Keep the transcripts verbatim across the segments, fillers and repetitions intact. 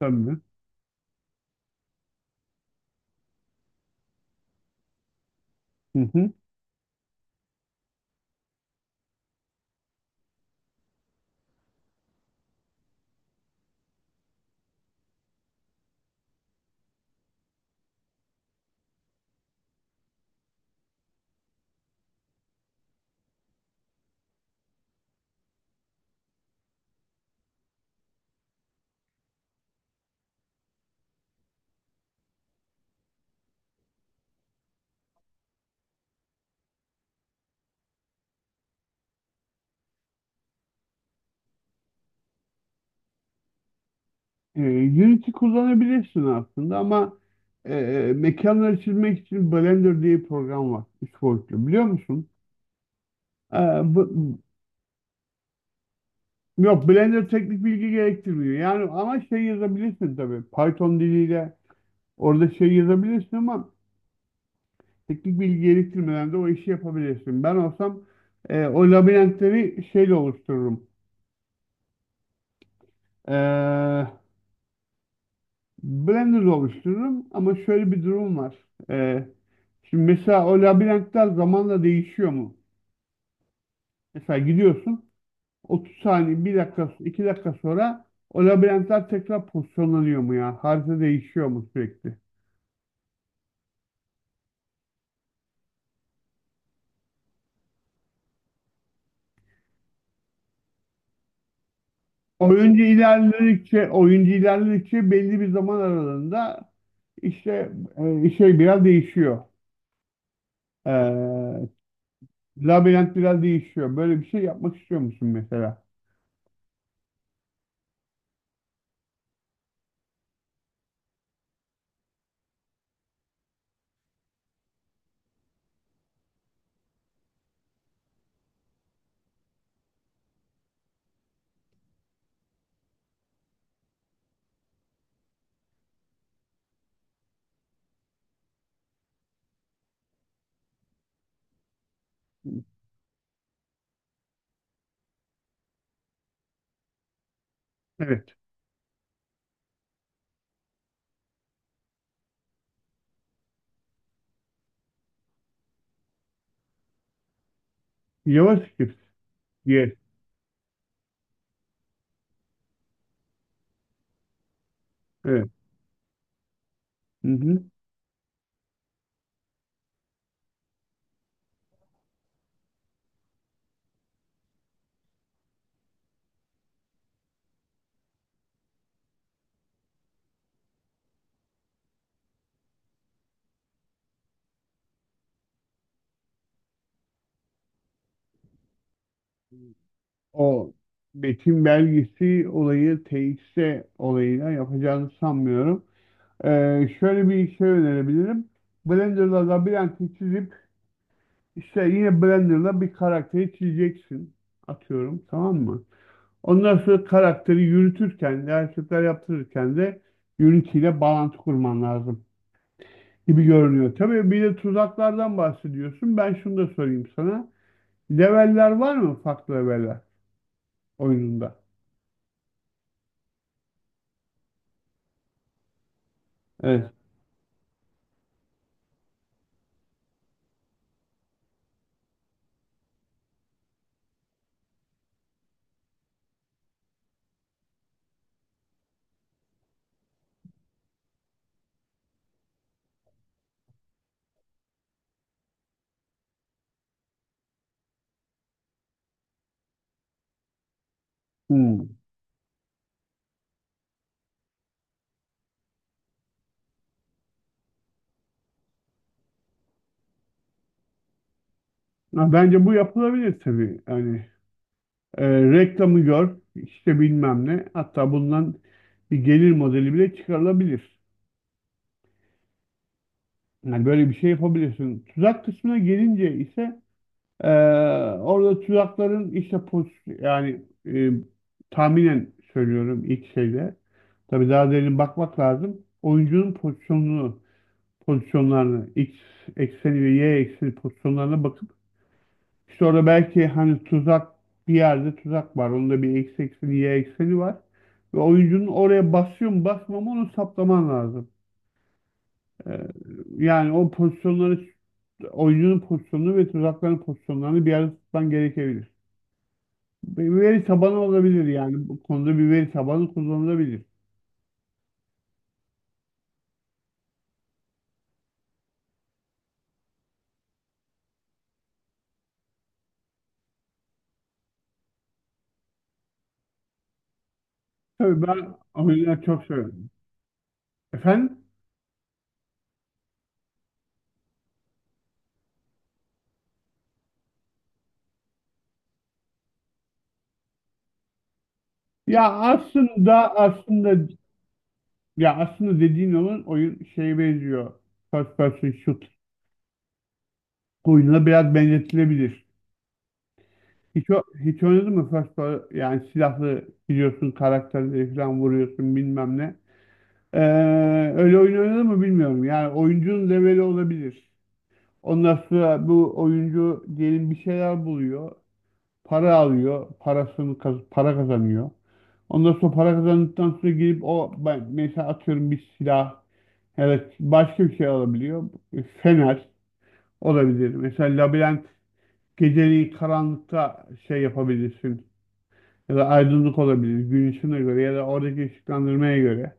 Tabii. Hı hı. Ee, Unity kullanabilirsin aslında ama e, mekanları çizmek için Blender diye bir program var. Üç boyutlu. Biliyor musun? Ee, bu- Yok, Blender teknik bilgi gerektirmiyor. Yani ama şey yazabilirsin tabii. Python diliyle orada şey yazabilirsin ama teknik bilgi gerektirmeden de o işi yapabilirsin. Ben olsam e, o labirentleri şeyle oluştururum. Ee, Blender oluştururum ama şöyle bir durum var. Ee, Şimdi mesela o labirentler zamanla değişiyor mu? Mesela gidiyorsun otuz saniye, bir dakika, iki dakika sonra o labirentler tekrar pozisyonlanıyor mu ya? Harita değişiyor mu sürekli? Oyuncu ilerledikçe, oyuncu ilerledikçe belli bir zaman aralığında işte e, şey biraz değişiyor. Ee, Labirent biraz değişiyor. Böyle bir şey yapmak istiyor musun mesela? Evet. JavaScript diye. Evet. Hı hı. O betim belgesi olayı T X T olayıyla yapacağını sanmıyorum. Ee, şöyle bir şey önerebilirim. Blender'da labirenti çizip İşte yine Blender'la bir karakteri çizeceksin. Atıyorum, tamam mı? Ondan sonra karakteri yürütürken de hareketler yaptırırken de Unity'yle bağlantı kurman lazım gibi görünüyor. Tabii bir de tuzaklardan bahsediyorsun. Ben şunu da sorayım sana. Leveller var mı, farklı leveller oyununda? Evet. Hmm. Ha, bence bu yapılabilir tabii. Yani e, reklamı gör işte bilmem ne. Hatta bundan bir gelir modeli bile çıkarılabilir. Yani böyle bir şey yapabilirsin. Tuzak kısmına gelince ise eee, orada tuzakların işte pos yani e, tahminen söylüyorum ilk şeyde. Tabii daha derin bakmak lazım. Oyuncunun pozisyonunu, pozisyonlarını, X ekseni ve Y ekseni pozisyonlarına bakıp işte orada belki hani tuzak bir yerde tuzak var. Onda bir X ekseni, Y ekseni var. Ve oyuncunun oraya basıyor mu basmıyor mu onu saptaman lazım. Ee, Yani o pozisyonları oyuncunun pozisyonunu ve tuzakların pozisyonlarını bir arada tutman gerekebilir. Bir veri tabanı olabilir yani. Bu konuda bir veri tabanı kullanılabilir. Tabii ben oyunları çok seviyorum. Efendim? Ya aslında aslında ya aslında dediğin olan oyun şeye benziyor. First person shoot oyununa biraz benzetilebilir. Hiç, o- hiç oynadın mı first person, yani silahlı gidiyorsun karakterleri falan vuruyorsun bilmem ne. Ee, Öyle oyun oynadı mı bilmiyorum. Yani oyuncunun leveli olabilir. Ondan sonra bu oyuncu diyelim bir şeyler buluyor. Para alıyor. Parasını kaz- para kazanıyor. Ondan sonra para kazandıktan sonra girip o ben- mesela atıyorum bir silah evet başka bir şey alabiliyor. E, Fener olabilir. Mesela labirent geceliği karanlıkta şey yapabilirsin. Ya da aydınlık olabilir. Gün ışığına göre ya da oradaki ışıklandırmaya göre.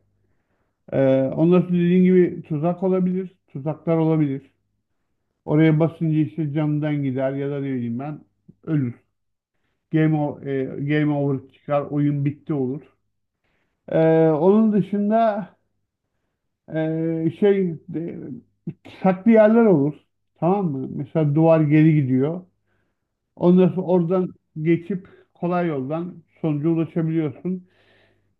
Ee, ondan sonra dediğin gibi tuzak olabilir, tuzaklar olabilir. Oraya basınca işte camdan gider ya da ne bileyim ben ölür. Game, o- e, game over çıkar, oyun bitti olur. Ee, onun dışında e, şey de, saklı yerler olur. Tamam mı? Mesela duvar geri gidiyor. Ondan sonra oradan geçip kolay yoldan sonuca ulaşabiliyorsun.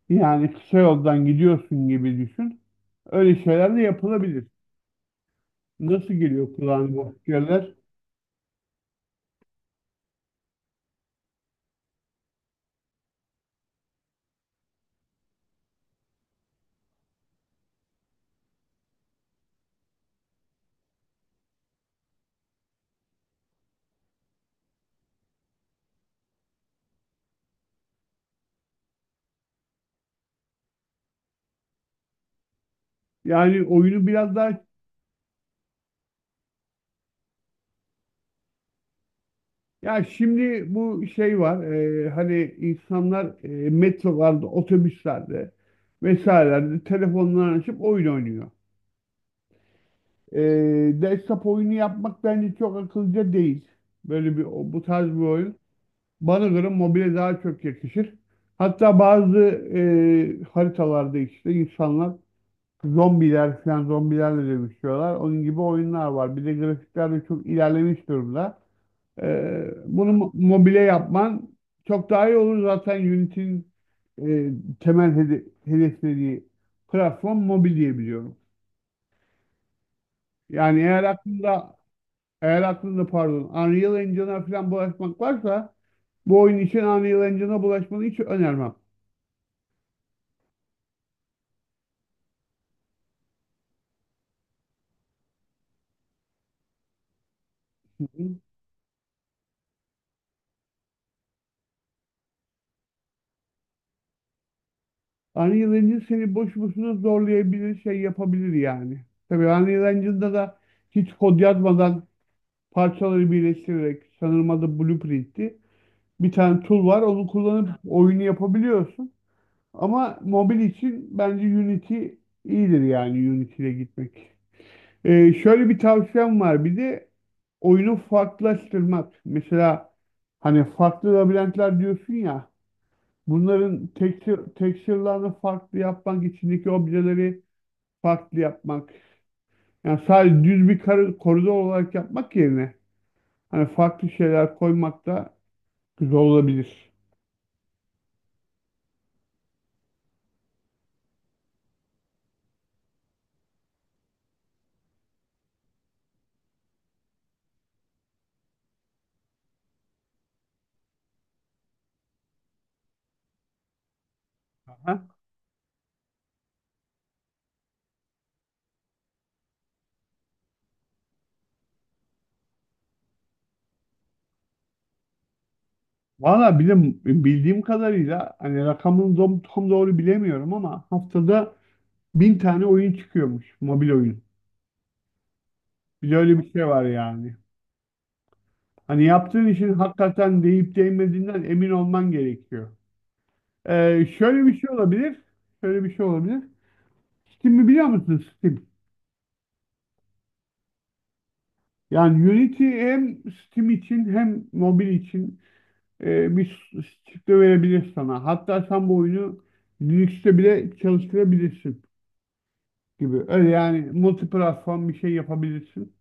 Yani kısa yoldan gidiyorsun gibi düşün. Öyle şeyler de yapılabilir. Nasıl geliyor kulağına bu fikirler? Yani oyunu biraz daha ya şimdi bu şey var e, hani insanlar e, metrolarda, otobüslerde vesairelerde telefonlarını açıp oyun oynuyor. E, Desktop oyunu yapmak bence çok akıllıca değil. Böyle bir o- bu tarz bir oyun. Bana göre mobile daha çok yakışır. Hatta bazı e, haritalarda işte insanlar zombiler falan zombilerle dövüşüyorlar. Onun gibi oyunlar var. Bir de grafikler de çok ilerlemiş durumda. Ee, bunu mobile yapman çok daha iyi olur. Zaten Unity'nin e, temel hede- hedeflediği platform mobil diye biliyorum. Yani eğer aklında eğer aklında pardon Unreal Engine'a falan bulaşmak varsa bu oyun için Unreal Engine'a bulaşmanı hiç önermem. Hı hı. Unreal Engine seni boş boşuna zorlayabilir, şey yapabilir yani. Tabii Unreal Engine'da da hiç kod yazmadan parçaları birleştirerek, sanırım adı Blueprint'ti, bir tane tool var. Onu kullanıp oyunu yapabiliyorsun. Ama mobil için bence Unity iyidir, yani Unity ile gitmek. Ee, şöyle bir tavsiyem var. Bir de oyunu farklılaştırmak. Mesela hani farklı labirentler diyorsun ya. Bunların texture, texture'larını farklı yapmak, içindeki objeleri farklı yapmak. Yani sadece düz bir kar- koridor olarak yapmak yerine hani farklı şeyler koymak da güzel olabilir. Aha. Valla bilim, bildiğim kadarıyla hani rakamını dom- tam doğru bilemiyorum ama haftada bin tane oyun çıkıyormuş. Mobil oyun. Bir de öyle bir şey var yani. Hani yaptığın işin hakikaten değip değmediğinden emin olman gerekiyor. Ee, şöyle bir şey olabilir. Şöyle bir şey olabilir. Steam'i biliyor musun, Steam? Yani Unity hem Steam için hem mobil için e, bir çıktı verebilir sana. Hatta sen bu oyunu Linux'te bile çalıştırabilirsin gibi. Öyle yani multi platform bir şey yapabilirsin.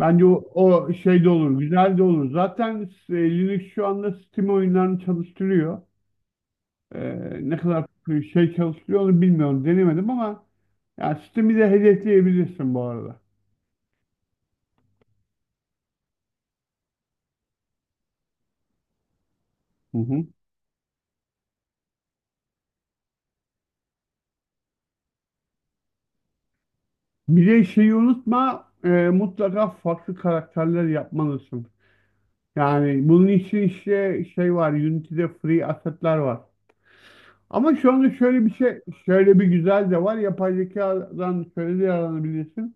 Bence o, o şey de olur, güzel de olur. Zaten e, Linux şu anda Steam oyunlarını çalıştırıyor. E, Ne kadar şey çalıştırıyor onu bilmiyorum, denemedim ama yani Steam'i de hedefleyebilirsin bu arada. Hı hı. Bir de şeyi unutma, e, mutlaka farklı karakterler yapmalısın. Yani bunun için işte şey var, Unity'de free asset'ler var. Ama şu anda şöyle bir şey, şöyle bir güzel de var. Yapay zekadan şöyle de yararlanabilirsin.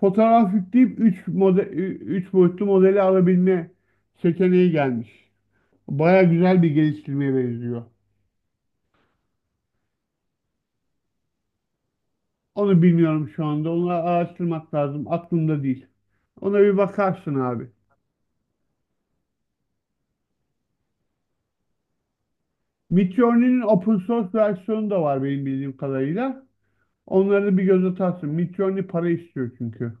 Fotoğraf yükleyip üç model, üç boyutlu modeli alabilme seçeneği gelmiş. Baya güzel bir geliştirmeye benziyor. Onu bilmiyorum şu anda. Onu araştırmak lazım. Aklımda değil. Ona bir bakarsın abi. Midjourney'nin open source versiyonu da var benim bildiğim kadarıyla. Onları bir göz atarsın. Midjourney para istiyor çünkü.